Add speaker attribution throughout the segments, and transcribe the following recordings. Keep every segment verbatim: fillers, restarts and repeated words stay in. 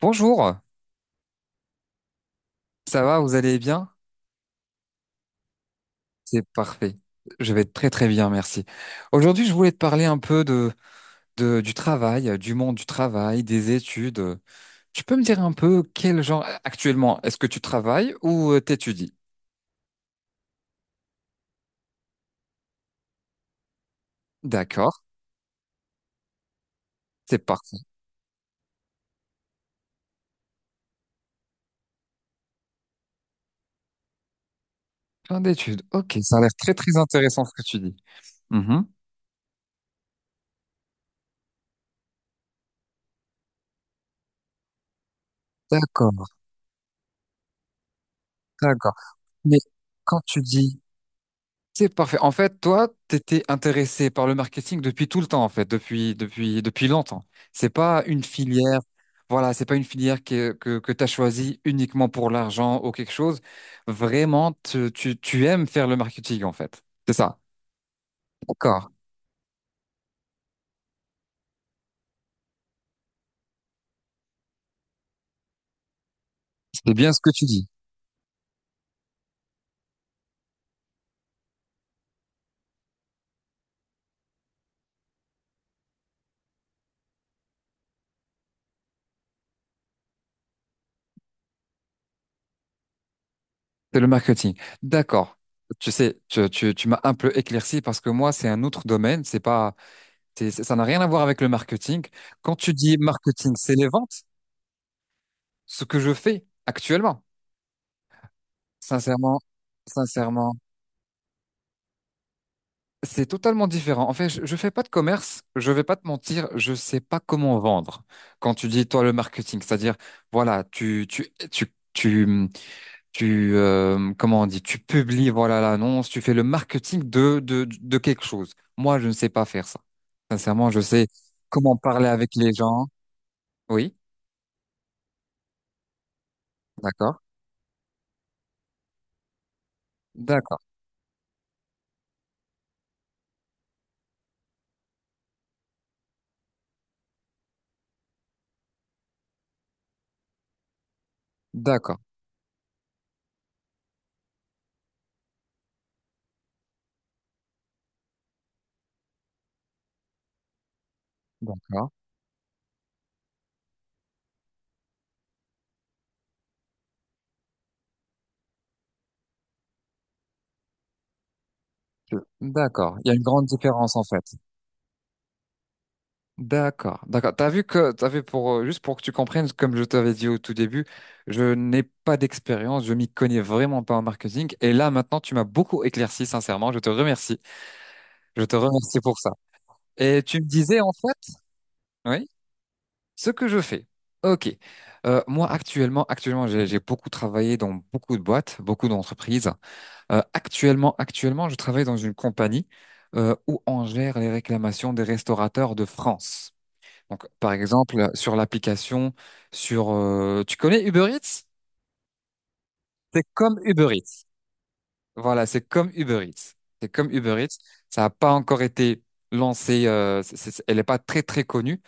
Speaker 1: Bonjour, ça va, vous allez bien? C'est parfait. Je vais très très bien, merci. Aujourd'hui, je voulais te parler un peu de, de- du travail, euh, du monde du travail, des études. Tu peux me dire un peu quel genre actuellement, est-ce que tu travailles ou euh, t'étudies? D'accord, c'est parti. Plein d'études. Ok, ça a l'air très très intéressant ce que tu dis. Mhm. D'accord, d'accord. Mais quand tu dis c'est parfait. En fait, toi, t'étais intéressé par le marketing depuis tout le temps, en fait, depuis, depuis, depuis longtemps. C'est pas une filière, voilà, c'est pas une filière que, que, que t'as choisie uniquement pour l'argent ou quelque chose. Vraiment, tu, tu, tu aimes faire le marketing, en fait. C'est ça. D'accord. C'est bien ce que tu dis. C'est le marketing. D'accord. Tu sais, tu, tu, tu m'as un peu éclairci parce que moi, c'est un autre domaine. C'est pas, c'est, c'est- ça n'a rien à voir avec le marketing. Quand tu dis marketing, c'est les ventes, ce que je fais actuellement. Sincèrement, sincèrement, c'est totalement différent. En fait, je, je fais pas de commerce, je vais pas te mentir, je sais pas comment vendre. Quand tu dis toi le marketing, c'est-à-dire voilà, tu tu tu tu tu euh, comment on dit, tu publies voilà l'annonce, tu fais le marketing de de de quelque chose. Moi, je ne sais pas faire ça. Sincèrement, je sais comment parler avec les gens. Oui, d'accord, d'accord, d'accord, d'accord, je- d'accord. Il y a une grande différence en fait. D'accord, d'accord. T'as vu que, t'as vu pour, euh, juste pour que tu comprennes, comme je t'avais dit au tout début, je n'ai pas d'expérience, je m'y connais vraiment pas en marketing. Et là, maintenant, tu m'as beaucoup éclairci, sincèrement. Je te remercie. Je te remercie pour ça. Et tu me disais, en fait, oui, ce que je fais. Ok. Euh, moi, actuellement, actuellement, j'ai, j'ai beaucoup travaillé dans beaucoup de boîtes, beaucoup d'entreprises. Euh, actuellement, actuellement, je travaille dans une compagnie, euh, où on gère les réclamations des restaurateurs de France. Donc, par exemple, sur l'application, sur, euh, tu connais Uber Eats? C'est comme Uber Eats. Voilà, c'est comme Uber Eats. C'est comme Uber Eats. Ça n'a pas encore été lancé. Euh, c'est- c'est- elle n'est pas très très connue,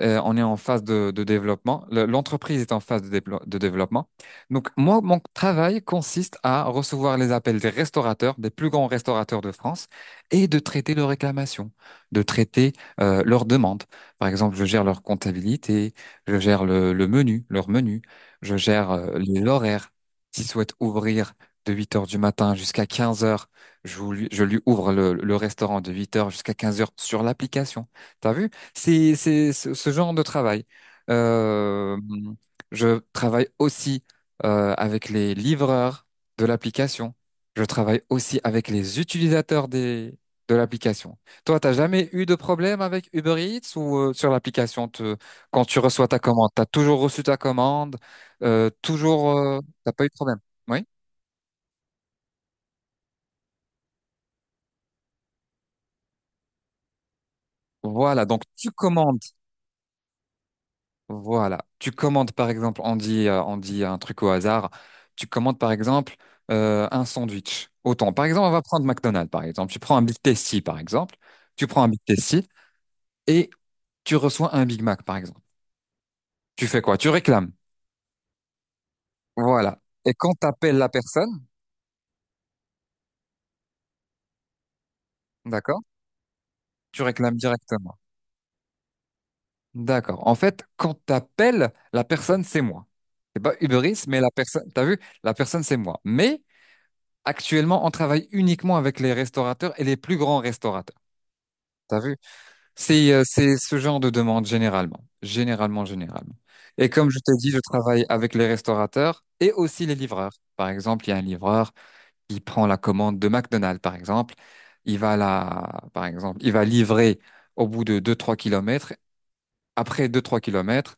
Speaker 1: euh, on est en phase de, de développement. Le- L'entreprise est en phase de, déplo- de développement. Donc, moi, mon travail consiste à recevoir les appels des restaurateurs, des plus grands restaurateurs de France, et de traiter leurs réclamations, de traiter euh, leurs demandes. Par exemple, je gère leur comptabilité, je gère le, le menu, leur menu, je gère euh, les horaires. S'ils souhaitent ouvrir de huit heures du matin jusqu'à quinze heures, je, vous lui- je lui ouvre le, le restaurant de huit heures jusqu'à quinze heures sur l'application. T'as vu? C'est, c'est ce ce genre de travail. Euh, je travaille aussi euh, avec les livreurs de l'application. Je travaille aussi avec les utilisateurs des, de l'application. Toi, t'as jamais eu de problème avec Uber Eats ou euh, sur l'application, te- quand tu reçois ta commande, t'as toujours reçu ta commande, euh, toujours, euh, t'as pas eu de problème. Oui. Voilà. Donc, tu commandes. Voilà. Tu commandes par exemple, on dit, euh, on dit un truc au hasard. Tu commandes par exemple euh, un sandwich. Autant. Par exemple, on va prendre McDonald's par exemple. Tu prends un Big Tasty par exemple. Tu prends un Big Tasty et tu reçois un Big Mac par exemple. Tu fais quoi? Tu réclames. Voilà. Et quand t'appelles la personne, d'accord? Tu réclames directement. D'accord. En fait, quand t'appelles la personne, c'est moi. C'est pas Uber Eats, mais la personne, t'as vu, la personne, c'est moi. Mais actuellement, on travaille uniquement avec les restaurateurs et les plus grands restaurateurs. T'as vu? C'est euh, c'est ce genre de demande généralement, généralement, généralement. Et comme je t'ai dit, je travaille avec les restaurateurs et aussi les livreurs. Par exemple, il y a un livreur qui prend la commande de McDonald's, par exemple. Il va la, par exemple, il va livrer au bout de deux trois kilomètres. Après deux trois kilomètres,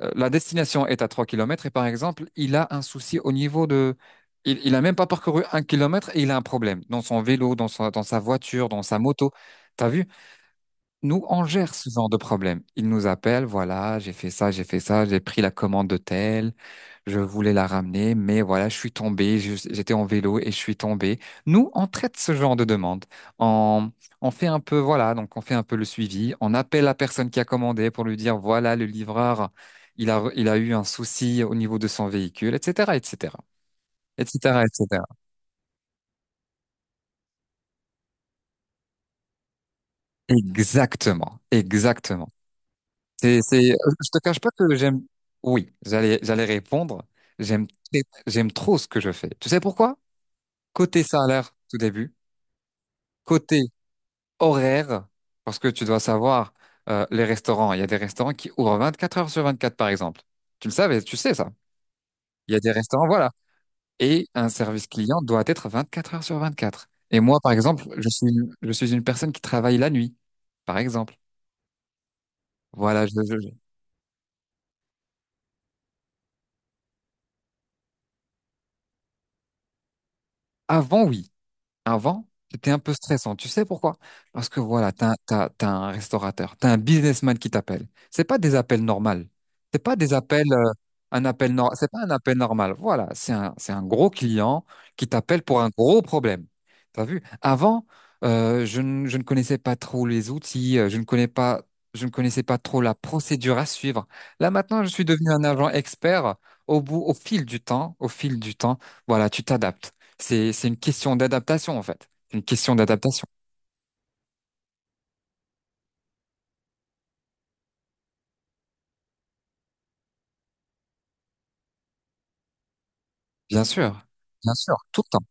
Speaker 1: euh, la destination est à trois kilomètres et par exemple, il a un souci au niveau de... Il, il a même pas parcouru un kilomètre et il a un problème dans son vélo, dans sa, dans sa voiture, dans sa moto. T'as vu? Nous, on gère ce genre de problème. Ils nous appellent, voilà, j'ai fait ça, j'ai fait ça, j'ai pris la commande de tel, je voulais la ramener, mais voilà, je suis tombé, je- j'étais en vélo et je suis tombé. Nous, on traite ce genre de demande. On, on fait un peu, voilà, donc on fait un peu le suivi. On appelle la personne qui a commandé pour lui dire, voilà, le livreur, il a, il a eu un souci au niveau de son véhicule, et cetera, et cetera, et cetera, et cetera. Exactement, exactement. C'est, c'est, euh, je te cache pas que j'aime. Oui, j'allais, j'allais répondre. J'aime, très- J'aime trop ce que je fais. Tu sais pourquoi? Côté salaire, tout début. Côté horaire, parce que tu dois savoir, euh, les restaurants. Il y a des restaurants qui ouvrent vingt-quatre heures sur vingt-quatre, par exemple. Tu le savais, tu sais ça. Il y a des restaurants, voilà. Et un service client doit être vingt-quatre heures sur vingt-quatre. Et moi, par exemple, je suis, une- je suis une personne qui travaille la nuit, par exemple. Voilà, je, je- je- avant, oui. Avant, c'était un peu stressant. Tu sais pourquoi? Parce que voilà, t'as, t'as, t'as un restaurateur, t'as un businessman qui t'appelle. C'est pas des appels normaux. C'est pas des appels, euh, un appel nor- c'est pas un appel normal. Voilà, c'est un, c'est un gros client qui t'appelle pour un gros problème. T'as vu? Avant, euh, je, ne je ne connaissais pas trop les outils, euh, je ne connais pas, je ne connaissais pas trop la procédure à suivre. Là, maintenant, je suis devenu un agent expert au bout, au fil du temps, au fil du temps. Voilà, tu t'adaptes. C'est, c'est une question d'adaptation, en fait. C'est une question d'adaptation. Bien sûr. Bien sûr. Tout le temps.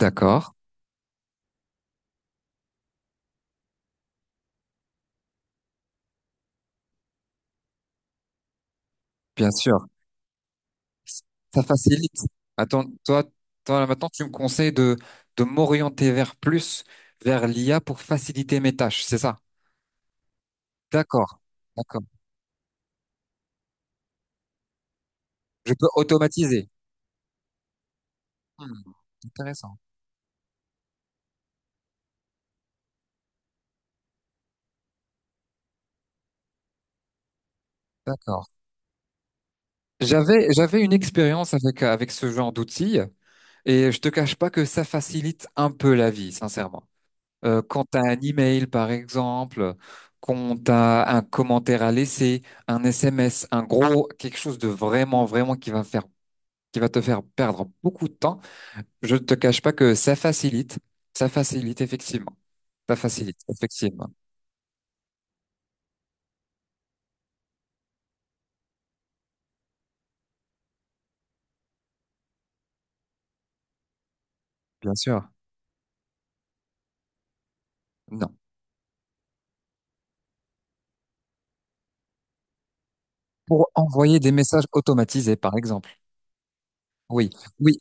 Speaker 1: D'accord. Bien sûr. Ça facilite. Attends, toi, toi, là, maintenant, tu me conseilles de, de m'orienter vers plus, vers l'I A pour faciliter mes tâches. C'est ça? D'accord. D'accord. Je peux automatiser. Hmm, intéressant. D'accord. J'avais, j'avais une expérience avec, avec ce genre d'outils et je te cache pas que ça facilite un peu la vie, sincèrement. Euh, quand tu as un email par exemple, quand tu as un commentaire à laisser, un S M S, un gros quelque chose de vraiment vraiment qui va faire qui va te faire perdre beaucoup de temps, je ne te cache pas que ça facilite, ça facilite effectivement. Ça facilite effectivement. Bien sûr. Non. Pour envoyer des messages automatisés par exemple. Oui, oui.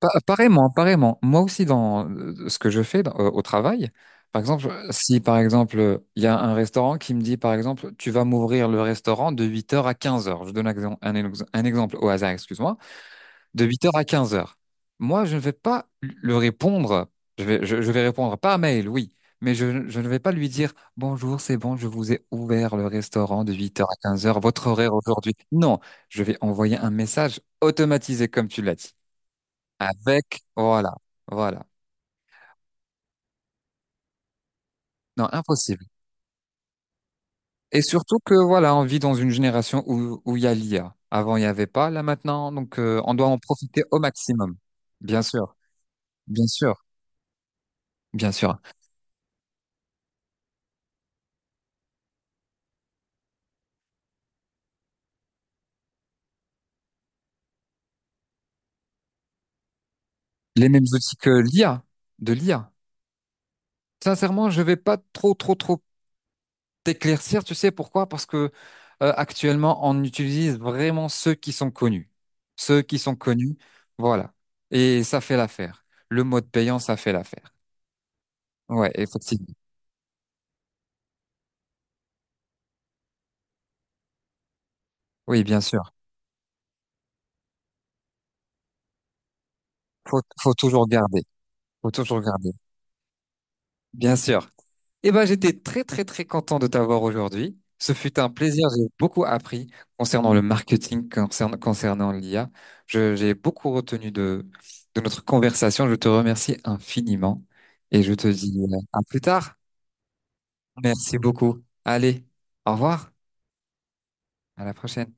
Speaker 1: Pa- Pareillement, pareillement. Moi aussi, dans euh, ce que je fais dans- euh, au travail, par exemple, si par exemple, il y a un restaurant qui me dit, par exemple, tu vas m'ouvrir le restaurant de huit heures à quinze heures. Je donne un, exem- un ex- un exemple au hasard, excuse-moi, de huit heures à quinze heures. Moi, je ne vais pas le répondre, je vais, je, je vais répondre par mail, oui, mais je, je ne vais pas lui dire, bonjour, c'est bon, je vous ai ouvert le restaurant de huit heures à quinze heures, votre horaire aujourd'hui. Non, je vais envoyer un message automatisé, comme tu l'as dit. Avec, voilà, voilà. Non, impossible. Et surtout que, voilà, on vit dans une génération où, où il y a l'I A. Avant, il n'y avait pas, là maintenant, donc euh, on doit en profiter au maximum. Bien sûr, bien sûr, bien sûr. Les mêmes outils que l'I A, de l'I A. Sincèrement, je vais pas trop, trop, trop t'éclaircir, tu sais pourquoi? Parce que euh, actuellement, on utilise vraiment ceux qui sont connus. Ceux qui sont connus, voilà. Et ça fait l'affaire. Le mode payant, ça fait l'affaire. Ouais, effectivement. Oui, bien sûr. faut, faut toujours garder. Faut toujours garder. Bien sûr. Eh ben, j'étais très, très, très content de t'avoir aujourd'hui. Ce fut un plaisir. J'ai beaucoup appris concernant le marketing, concernant, concernant l'I A. Je, j'ai beaucoup retenu de, de notre conversation. Je te remercie infiniment et je te dis euh, à plus tard. Merci beaucoup. Allez, au revoir. À la prochaine.